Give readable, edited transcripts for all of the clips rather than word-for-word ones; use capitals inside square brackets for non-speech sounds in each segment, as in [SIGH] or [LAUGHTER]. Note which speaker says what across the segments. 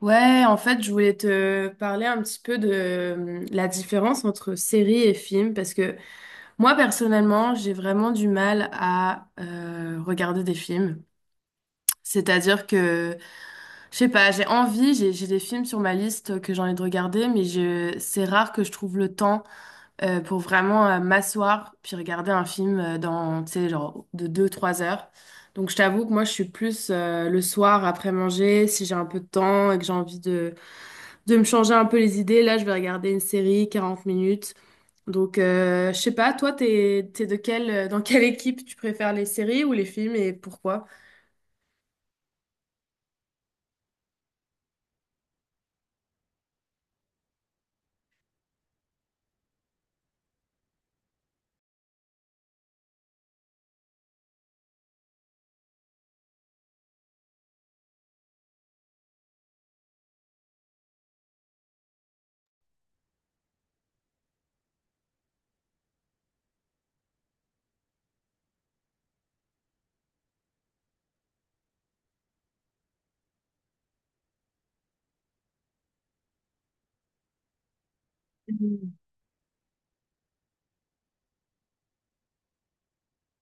Speaker 1: Ouais, en fait, je voulais te parler un petit peu de la différence entre série et film, parce que moi, personnellement, j'ai vraiment du mal à regarder des films. C'est-à-dire que, je sais pas, j'ai envie, j'ai des films sur ma liste que j'ai envie de regarder, mais c'est rare que je trouve le temps pour vraiment m'asseoir puis regarder un film dans, tu sais, genre de deux trois heures. Donc, je t'avoue que moi, je suis plus le soir après manger, si j'ai un peu de temps et que j'ai envie de me changer un peu les idées. Là, je vais regarder une série, 40 minutes. Donc, je sais pas, toi, t'es dans quelle équipe tu préfères les séries ou les films et pourquoi?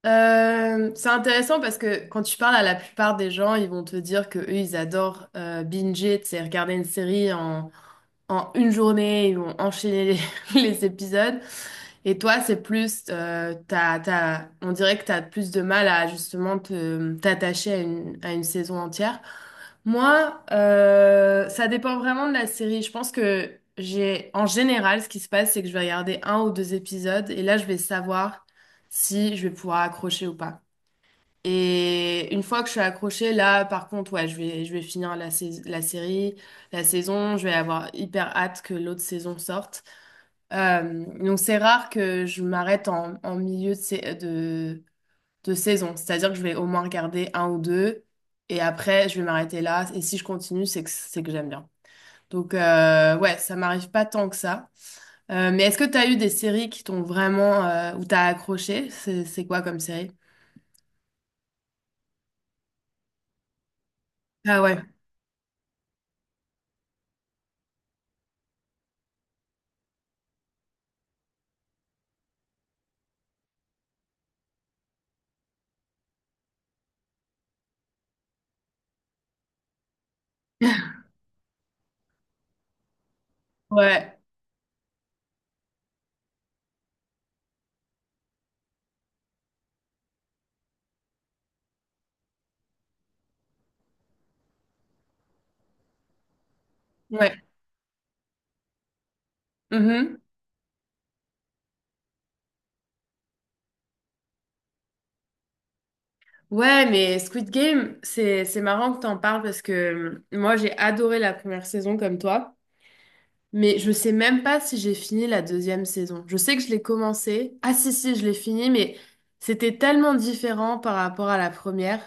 Speaker 1: C'est intéressant parce que quand tu parles à la plupart des gens, ils vont te dire que eux, ils adorent binger, c'est regarder une série en une journée, ils vont enchaîner les, [LAUGHS] les épisodes. Et toi, c'est plus, t'as, on dirait que t'as plus de mal à justement t'attacher à une saison entière. Moi, ça dépend vraiment de la série. Je pense que j'ai, en général, ce qui se passe, c'est que je vais regarder un ou deux épisodes et là, je vais savoir si je vais pouvoir accrocher ou pas. Et une fois que je suis accrochée, là, par contre, ouais, je vais finir la série, la saison. Je vais avoir hyper hâte que l'autre saison sorte. Donc, c'est rare que je m'arrête en milieu de saison. C'est-à-dire que je vais au moins regarder un ou deux. Et après, je vais m'arrêter là. Et si je continue, c'est que j'aime bien. Donc, ouais, ça m'arrive pas tant que ça. Mais est-ce que tu as eu des séries qui t'ont vraiment où t'as accroché? C'est quoi comme série? Ah ouais, ouais, ouais. Mhm. Ouais, mais Squid Game, c'est marrant que t'en parles parce que moi j'ai adoré la première saison comme toi, mais je sais même pas si j'ai fini la deuxième saison. Je sais que je l'ai commencé. Ah si si, je l'ai fini, mais c'était tellement différent par rapport à la première.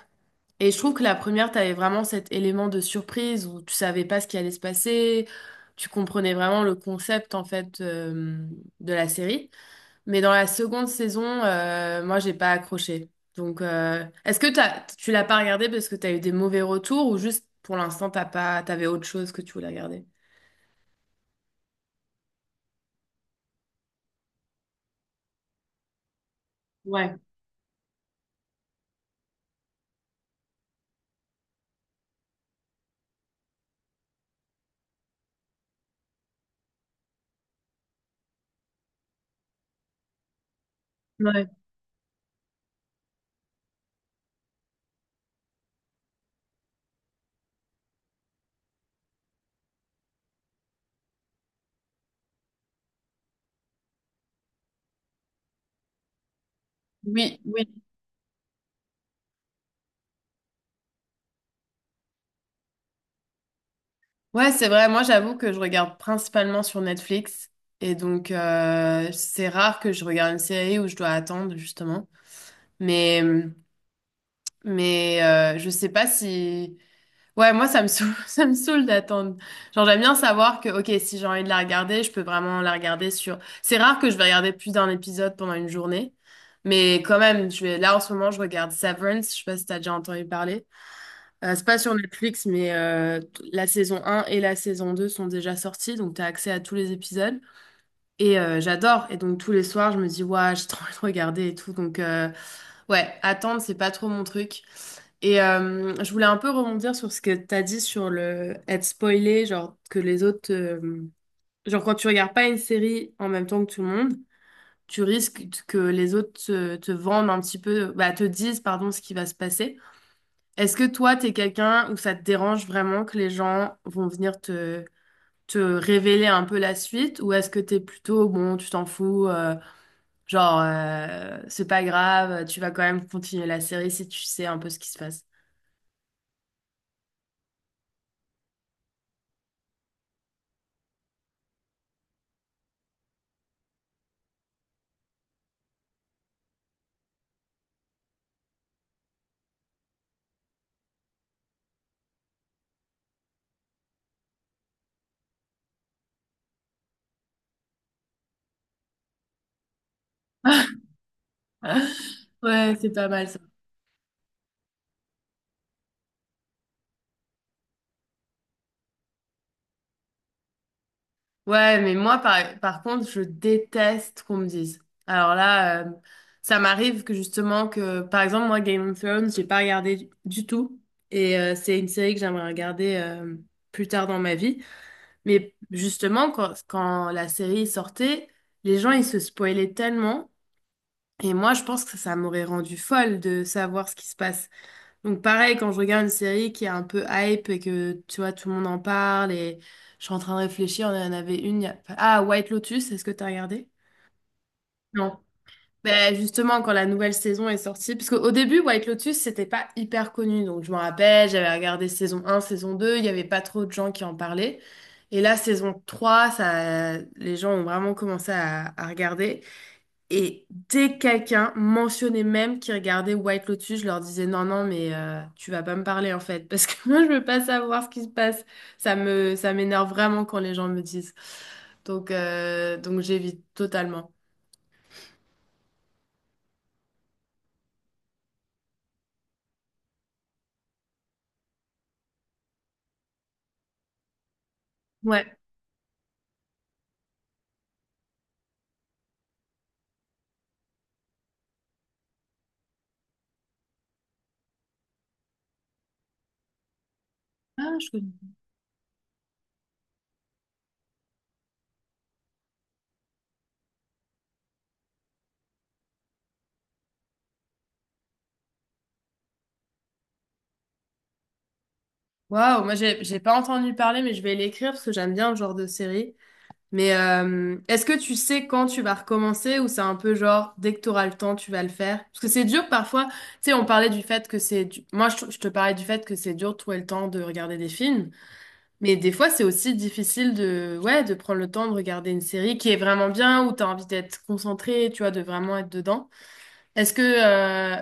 Speaker 1: Et je trouve que la première, t'avais vraiment cet élément de surprise où tu savais pas ce qui allait se passer, tu comprenais vraiment le concept en fait de la série. Mais dans la seconde saison, moi, j'ai pas accroché. Donc, est-ce que tu l'as pas regardé parce que t'as eu des mauvais retours ou juste pour l'instant, t'as pas, t'avais autre chose que tu voulais regarder? Ouais, ouais. Oui, oui. Ouais, c'est vrai. Moi, j'avoue que je regarde principalement sur Netflix. Et donc, c'est rare que je regarde une série où je dois attendre, justement. Mais. hum, Mais je sais pas si... Ouais, moi, ça me saoule, [LAUGHS] ça me saoule d'attendre. Genre, j'aime bien savoir que, ok, si j'ai envie de la regarder, je peux vraiment la regarder sur... C'est rare que je vais regarder plus d'un épisode pendant une journée. Mais quand même, là, en ce moment, je regarde Severance. Je sais pas si t'as déjà entendu parler. C'est pas sur Netflix, mais la saison un et la saison 2 sont déjà sorties. Donc, t'as accès à tous les épisodes. Et j'adore. Et donc, tous les soirs, je me dis, ouais, j'ai trop envie de regarder et tout. Donc, ouais, attendre, c'est pas trop mon truc. Et je voulais un peu rebondir sur ce que tu as dit sur le être spoilé, genre que les autres, genre quand tu regardes pas une série en même temps que tout le monde, tu risques que les autres te, te, vendent un petit peu, bah, te disent, pardon, ce qui va se passer. Est-ce que toi, t'es quelqu'un où ça te dérange vraiment que les gens vont venir te révéler un peu la suite, ou est-ce que t'es plutôt, bon, tu t'en fous, genre, c'est pas grave, tu vas quand même continuer la série si tu sais un peu ce qui se passe? [LAUGHS] Ouais, c'est pas mal ça. Ouais, mais moi, par contre, je déteste qu'on me dise. Alors là, ça m'arrive que justement, que par exemple, moi, Game of Thrones, j'ai pas regardé du tout. Et c'est une série que j'aimerais regarder plus tard dans ma vie. Mais justement, quand la série sortait, les gens, ils se spoilaient tellement. Et moi, je pense que ça m'aurait rendu folle de savoir ce qui se passe. Donc pareil, quand je regarde une série qui est un peu hype et que tu vois, tout le monde en parle et je suis en train de réfléchir, on en avait une. Enfin, ah, White Lotus, est-ce que t'as regardé? Non. Ben justement, quand la nouvelle saison est sortie, parce qu'au début, White Lotus, c'était pas hyper connu. Donc je m'en rappelle, j'avais regardé saison un, saison deux, il n'y avait pas trop de gens qui en parlaient. Et là, saison 3 ça, les gens ont vraiment commencé à regarder. Et dès que quelqu'un mentionnait même qui regardait White Lotus, je leur disais non, non, mais tu vas pas me parler en fait, parce que [LAUGHS] moi je veux pas savoir ce qui se passe. Ça m'énerve vraiment quand les gens me disent. Donc, j'évite totalement. Ouais. Ah, je connais. Waouh, moi j'ai pas entendu parler, mais je vais l'écrire parce que j'aime bien le genre de série. Mais est-ce que tu sais quand tu vas recommencer ou c'est un peu genre dès que tu auras le temps, tu vas le faire? Parce que c'est dur parfois. Tu sais, on parlait du fait que c'est du- Moi, je te parlais du fait que c'est dur de trouver le temps de regarder des films. Mais des fois, c'est aussi difficile de... Ouais, de prendre le temps de regarder une série qui est vraiment bien, où tu as envie d'être concentré, tu vois, de vraiment être dedans. Est-ce que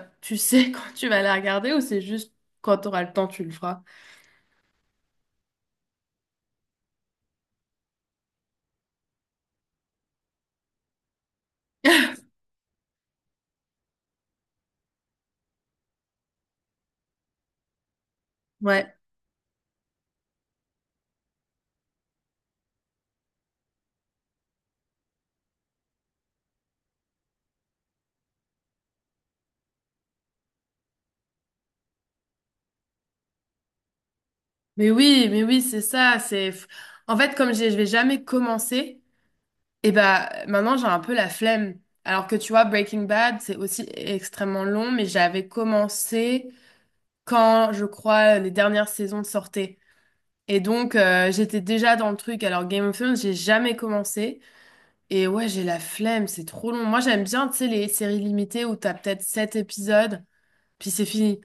Speaker 1: tu sais [LAUGHS] quand tu vas la regarder ou c'est juste quand tu auras le temps, tu le feras? [LAUGHS] Ouais, mais oui, c'est ça, c'est en fait comme je dis, je vais jamais commencer, et bah maintenant j'ai un peu la flemme. Alors que tu vois, Breaking Bad, c'est aussi extrêmement long, mais j'avais commencé quand, je crois, les dernières saisons sortaient. Et donc j'étais déjà dans le truc. Alors Game of Thrones, j'ai jamais commencé. Et ouais, j'ai la flemme, c'est trop long. Moi j'aime bien, tu sais, les séries limitées où t'as peut-être sept épisodes, puis c'est fini.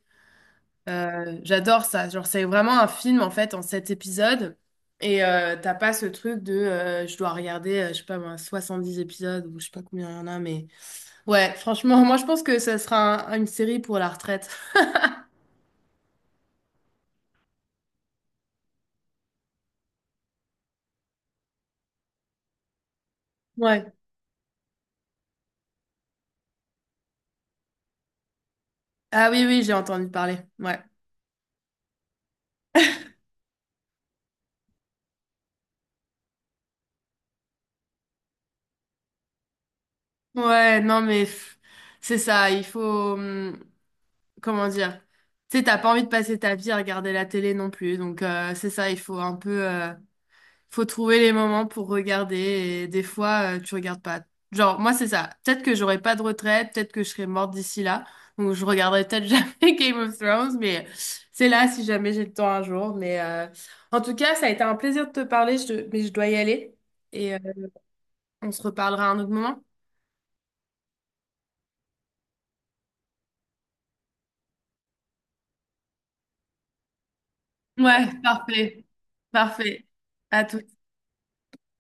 Speaker 1: J'adore ça. Genre, c'est vraiment un film en fait en sept épisodes. Et t'as pas ce truc de je dois regarder, je sais pas moi, 70 épisodes ou je sais pas combien il y en a, mais ouais, franchement, [LAUGHS] moi je pense que ça sera une série pour la retraite. Ouais. Ah oui, oui, j'ai entendu parler. Ouais. Ouais, non, mais pff, c'est ça, il faut. Comment dire? Tu sais, t'as pas envie de passer ta vie à regarder la télé non plus, donc c'est ça, il faut un peu. Faut trouver les moments pour regarder et des fois, tu regardes pas. Genre, moi, c'est ça. Peut-être que j'aurai pas de retraite, peut-être que je serai morte d'ici là, donc je regarderai peut-être [LAUGHS] jamais Game of Thrones, mais c'est là si jamais j'ai le temps un jour. Mais en tout cas, ça a été un plaisir de te parler, mais je dois y aller et on se reparlera à un autre moment. Ouais, parfait. Parfait. À tout.